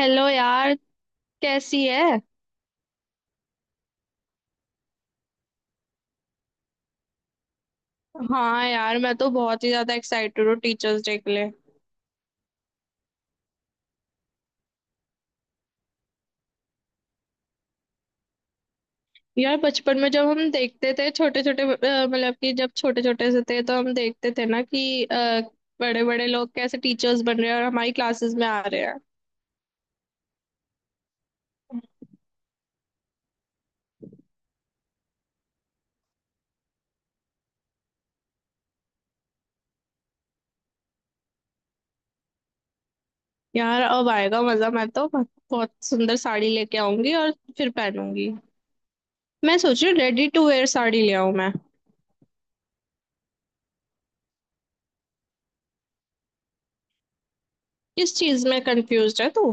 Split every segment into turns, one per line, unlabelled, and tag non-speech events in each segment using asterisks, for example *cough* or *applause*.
Hello यार। कैसी है? हाँ यार, मैं तो बहुत ही ज्यादा एक्साइटेड हूँ टीचर्स डे के लिए। यार बचपन में जब हम देखते थे छोटे छोटे, मतलब कि जब छोटे छोटे से थे तो हम देखते थे ना कि बड़े बड़े लोग कैसे टीचर्स बन रहे हैं और हमारी क्लासेस में आ रहे हैं। यार अब आएगा मजा। मैं तो बहुत सुंदर साड़ी लेके आऊंगी और फिर पहनूंगी। मैं सोच रही हूँ रेडी टू वेयर साड़ी ले आऊं मैं। किस चीज में कंफ्यूज है तू?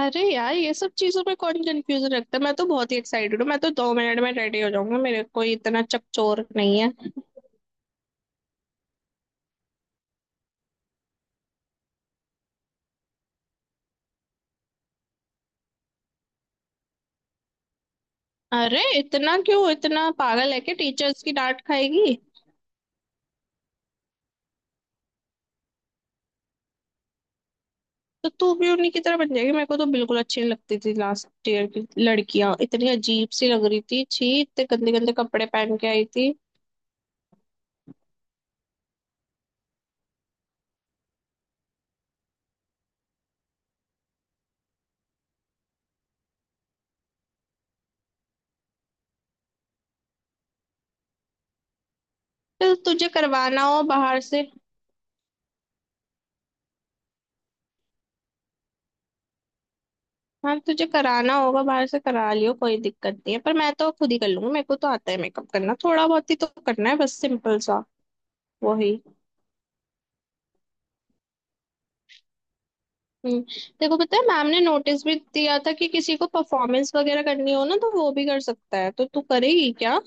अरे यार, ये सब चीजों पे कौन कंफ्यूजन रखता है? मैं तो बहुत ही एक्साइटेड हूँ, मैं तो 2 मिनट में रेडी हो जाऊंगा। मेरे कोई इतना चकचोर नहीं है। अरे इतना क्यों, इतना पागल है कि टीचर्स की डांट खाएगी? तो तू भी उन्हीं की तरह बन जाएगी। मेरे को तो बिल्कुल अच्छी नहीं लगती थी लास्ट ईयर की लड़कियां, इतनी अजीब सी लग रही थी, छी, इतने गंदे गंदे कपड़े पहन के आई थी। तो तुझे करवाना हो बाहर से। हाँ, तुझे कराना होगा बाहर से, करा लियो, कोई दिक्कत नहीं है, पर मैं तो खुद ही कर लूंगी, मेरे को तो आता है मेकअप करना, थोड़ा बहुत ही तो करना है बस सिंपल सा। वही। हम्म, देखो, पता है मैम ने नोटिस भी दिया था कि किसी को परफॉर्मेंस वगैरह करनी हो ना तो वो भी कर सकता है, तो तू करेगी क्या?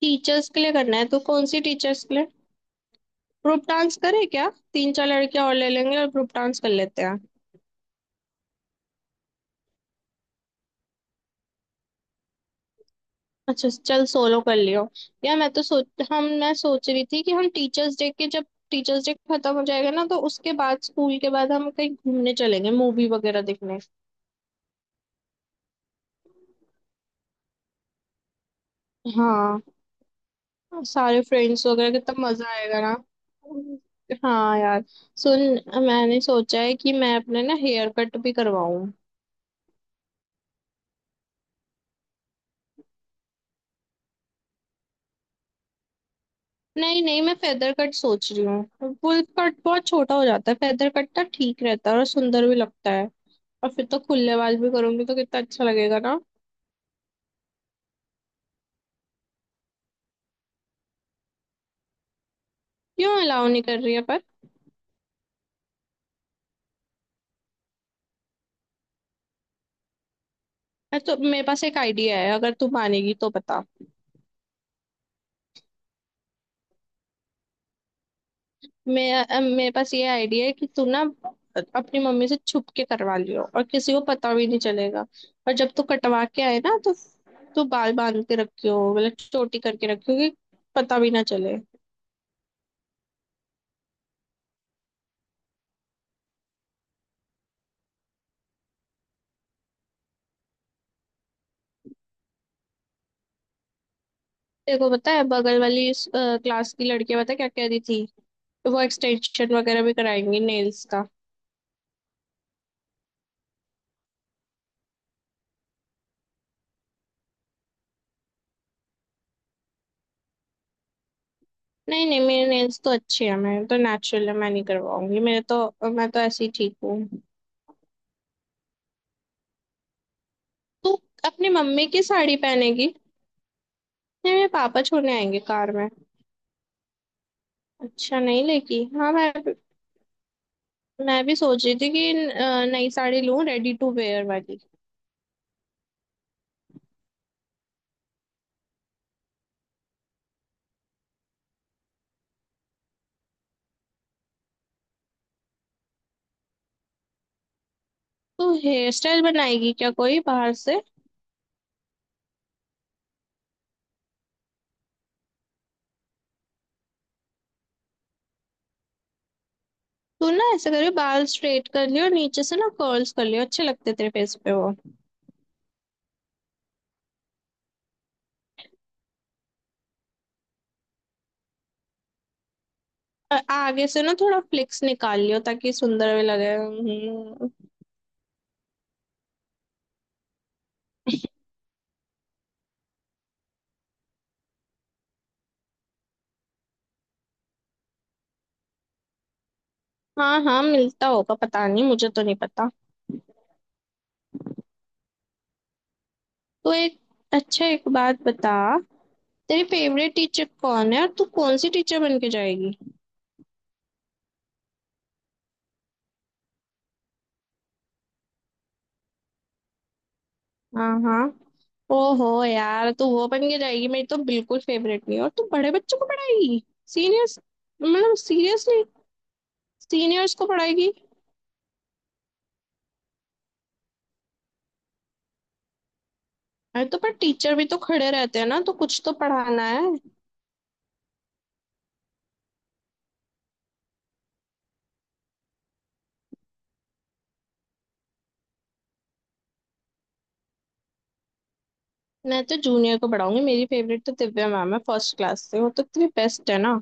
टीचर्स के लिए करना है तो कौन सी टीचर्स के लिए? ग्रुप डांस करे क्या? तीन चार लड़कियां और ले लेंगे और ग्रुप डांस कर लेते हैं। अच्छा चल, सोलो कर लियो। यार मैं सोच रही थी कि हम टीचर्स डे के जब टीचर्स डे खत्म हो जाएगा ना तो उसके बाद, स्कूल के बाद हम कहीं घूमने चलेंगे, मूवी वगैरह देखने। हाँ। अब सारे फ्रेंड्स वगैरह, कितना मजा आएगा ना। हाँ यार। सुन, मैंने सोचा है कि मैं अपने ना हेयर कट भी करवाऊं। नहीं नहीं, मैं फेदर कट सोच रही हूँ। फुल कट बहुत छोटा हो जाता है, फेदर कट ना ठीक रहता है और सुंदर भी लगता है। और फिर तो खुले बाल भी करूंगी तो कितना अच्छा लगेगा ना। क्यों अलाउ नहीं कर रही है पर? मैं तो मेरे पास एक आइडिया है, अगर तू मानेगी तो बता। मेरे पास ये आइडिया है कि तू ना अपनी मम्मी से छुप के करवा लियो, और किसी को पता भी नहीं चलेगा। और जब तू कटवा के आए ना तो तू बाल बांध के रखियो, मतलब चोटी करके रखियो कि पता भी ना चले। देखो पता है, बगल वाली क्लास की लड़कियां पता है क्या कह रही थी? वो एक्सटेंशन वगैरह भी कराएंगी नेल्स का। नहीं नहीं, मेरे नेल्स तो अच्छे हैं, मेरे तो नेचुरल है, मैं नहीं करवाऊंगी, मेरे तो मैं तो ऐसे ही ठीक हूँ। तू अपनी मम्मी की साड़ी पहनेगी? नहीं, मेरे पापा छोड़ने आएंगे कार में। अच्छा नहीं, लेकी हाँ, मैं भी सोच रही थी कि नई साड़ी लूं रेडी टू वेयर वाली। तो हेयर स्टाइल बनाएगी क्या कोई बाहर से? तू ना ऐसे करियो, बाल स्ट्रेट कर लियो, नीचे से ना कर्ल्स कर लियो, अच्छे लगते तेरे फेस पे वो। आगे से ना थोड़ा फ्लिक्स निकाल लियो ताकि सुंदर भी लगे। हाँ हाँ, मिलता होगा पता नहीं, मुझे तो नहीं पता। तो एक अच्छा, एक बात बता, तेरी फेवरेट टीचर कौन है और तू कौन सी टीचर बन के जाएगी? हाँ हाँ। ओहो यार, तू वो बन के जाएगी? मेरी तो बिल्कुल फेवरेट नहीं है। और तू बड़े बच्चों को पढ़ाएगी? सीनियर्स? मतलब सीरियसली? सीनियर्स को पढ़ाएगी? अरे तो पर टीचर भी तो खड़े रहते हैं ना, तो कुछ तो पढ़ाना है। मैं तो जूनियर को पढ़ाऊंगी, मेरी फेवरेट तो दिव्या मैम है, फर्स्ट क्लास से वो तो इतनी बेस्ट है ना।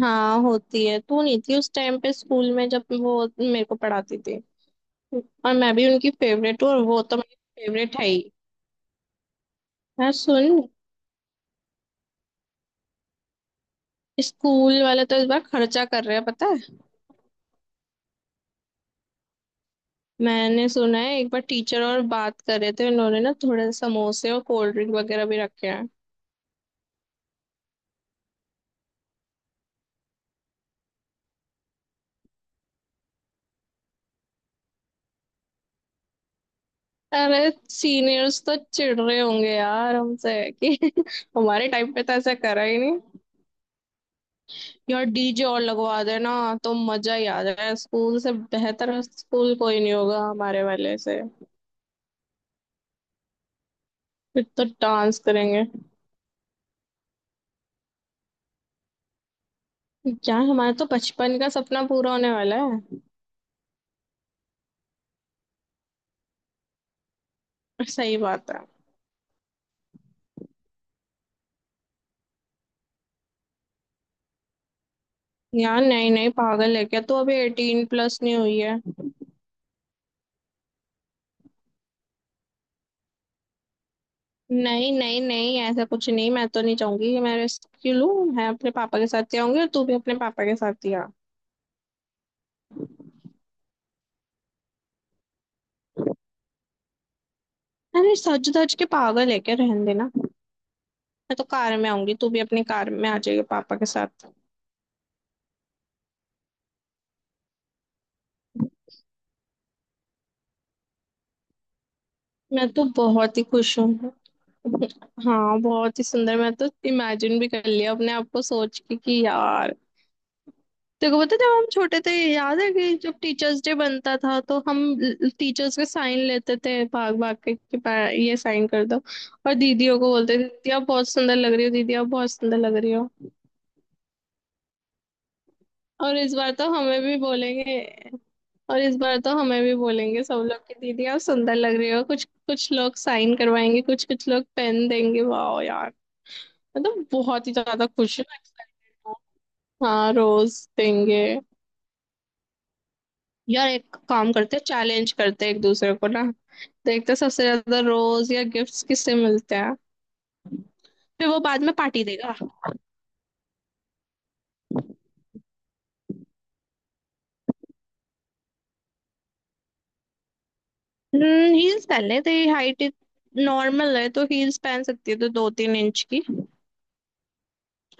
हाँ होती है, तू नहीं थी उस टाइम पे स्कूल में जब वो मेरे को पढ़ाती थी। और मैं भी उनकी फेवरेट हूँ और वो तो मेरी फेवरेट है ही। हाँ सुन, स्कूल वाले तो इस बार खर्चा कर रहे हैं पता है? मैंने सुना है एक बार टीचर और बात कर रहे थे, उन्होंने ना थोड़े समोसे और कोल्ड ड्रिंक वगैरह भी रखे हैं। अरे, सीनियर्स तो चिढ़ रहे होंगे यार हमसे कि *laughs* हमारे टाइम पे तो ऐसा करा ही नहीं। यार डीजे और लगवा देना तो मजा ही आ जाएगा, स्कूल से बेहतर स्कूल कोई नहीं होगा हमारे वाले से। फिर तो डांस करेंगे। यार हमारा तो बचपन का सपना पूरा होने वाला है। सही बात है। यार नहीं नहीं, पागल है क्या तू? अभी 18+ नहीं हुई है। नहीं नहीं नहीं, ऐसा कुछ नहीं। मैं तो नहीं चाहूंगी कि मैं रेस्क्यू लूं। मैं अपने पापा के साथ ही आऊंगी और तू भी अपने पापा के साथ ही आ। अरे सज धज के, पागल है क्या? रहने देना। मैं तो कार में आऊंगी, तू भी अपनी कार में आ जाएगी पापा के साथ। मैं तो बहुत ही खुश हूँ। *laughs* हाँ बहुत ही सुंदर। मैं तो इमेजिन भी कर लिया अपने आप को सोच के कि यार, देखो पता है, जब हम छोटे थे याद है कि जब टीचर्स डे बनता था तो हम टीचर्स के साइन लेते थे भाग भाग के कि ये साइन कर दो। और दीदियों को बोलते थे, दीदी आप बहुत सुंदर लग रही हो, दीदी आप बहुत सुंदर लग रही हो। और इस बार तो हमें भी बोलेंगे। और इस बार तो हमें भी बोलेंगे सब लोग कि दीदी आप सुंदर लग रही हो, कुछ कुछ लोग साइन करवाएंगे, कुछ कुछ लोग पेन देंगे, वाह यार। मतलब बहुत ही ज्यादा खुश हूँ, excited हूँ। हाँ रोज देंगे। यार एक काम करते हैं, चैलेंज करते हैं एक दूसरे को ना, देखते हैं सबसे ज्यादा रोज या गिफ्ट्स किससे मिलते हैं, फिर वो बाद में पार्टी देगा। हील्स पहन ले, तेरी हाइट नॉर्मल है तो हील्स पहन सकती है, तो 2-3 इंच की।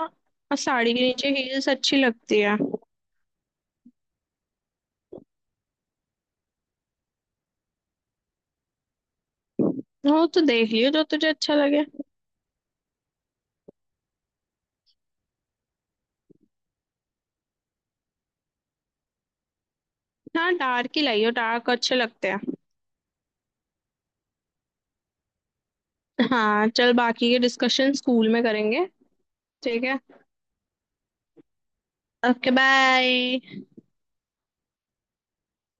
और साड़ी के नीचे हील्स अच्छी लगती है। वो तो देख लियो जो तुझे अच्छा लगे। हाँ डार्क ही लाइयो, डार्क अच्छे लगते हैं। हाँ चल, बाकी के डिस्कशन स्कूल में करेंगे। ठीक है, ओके बाय।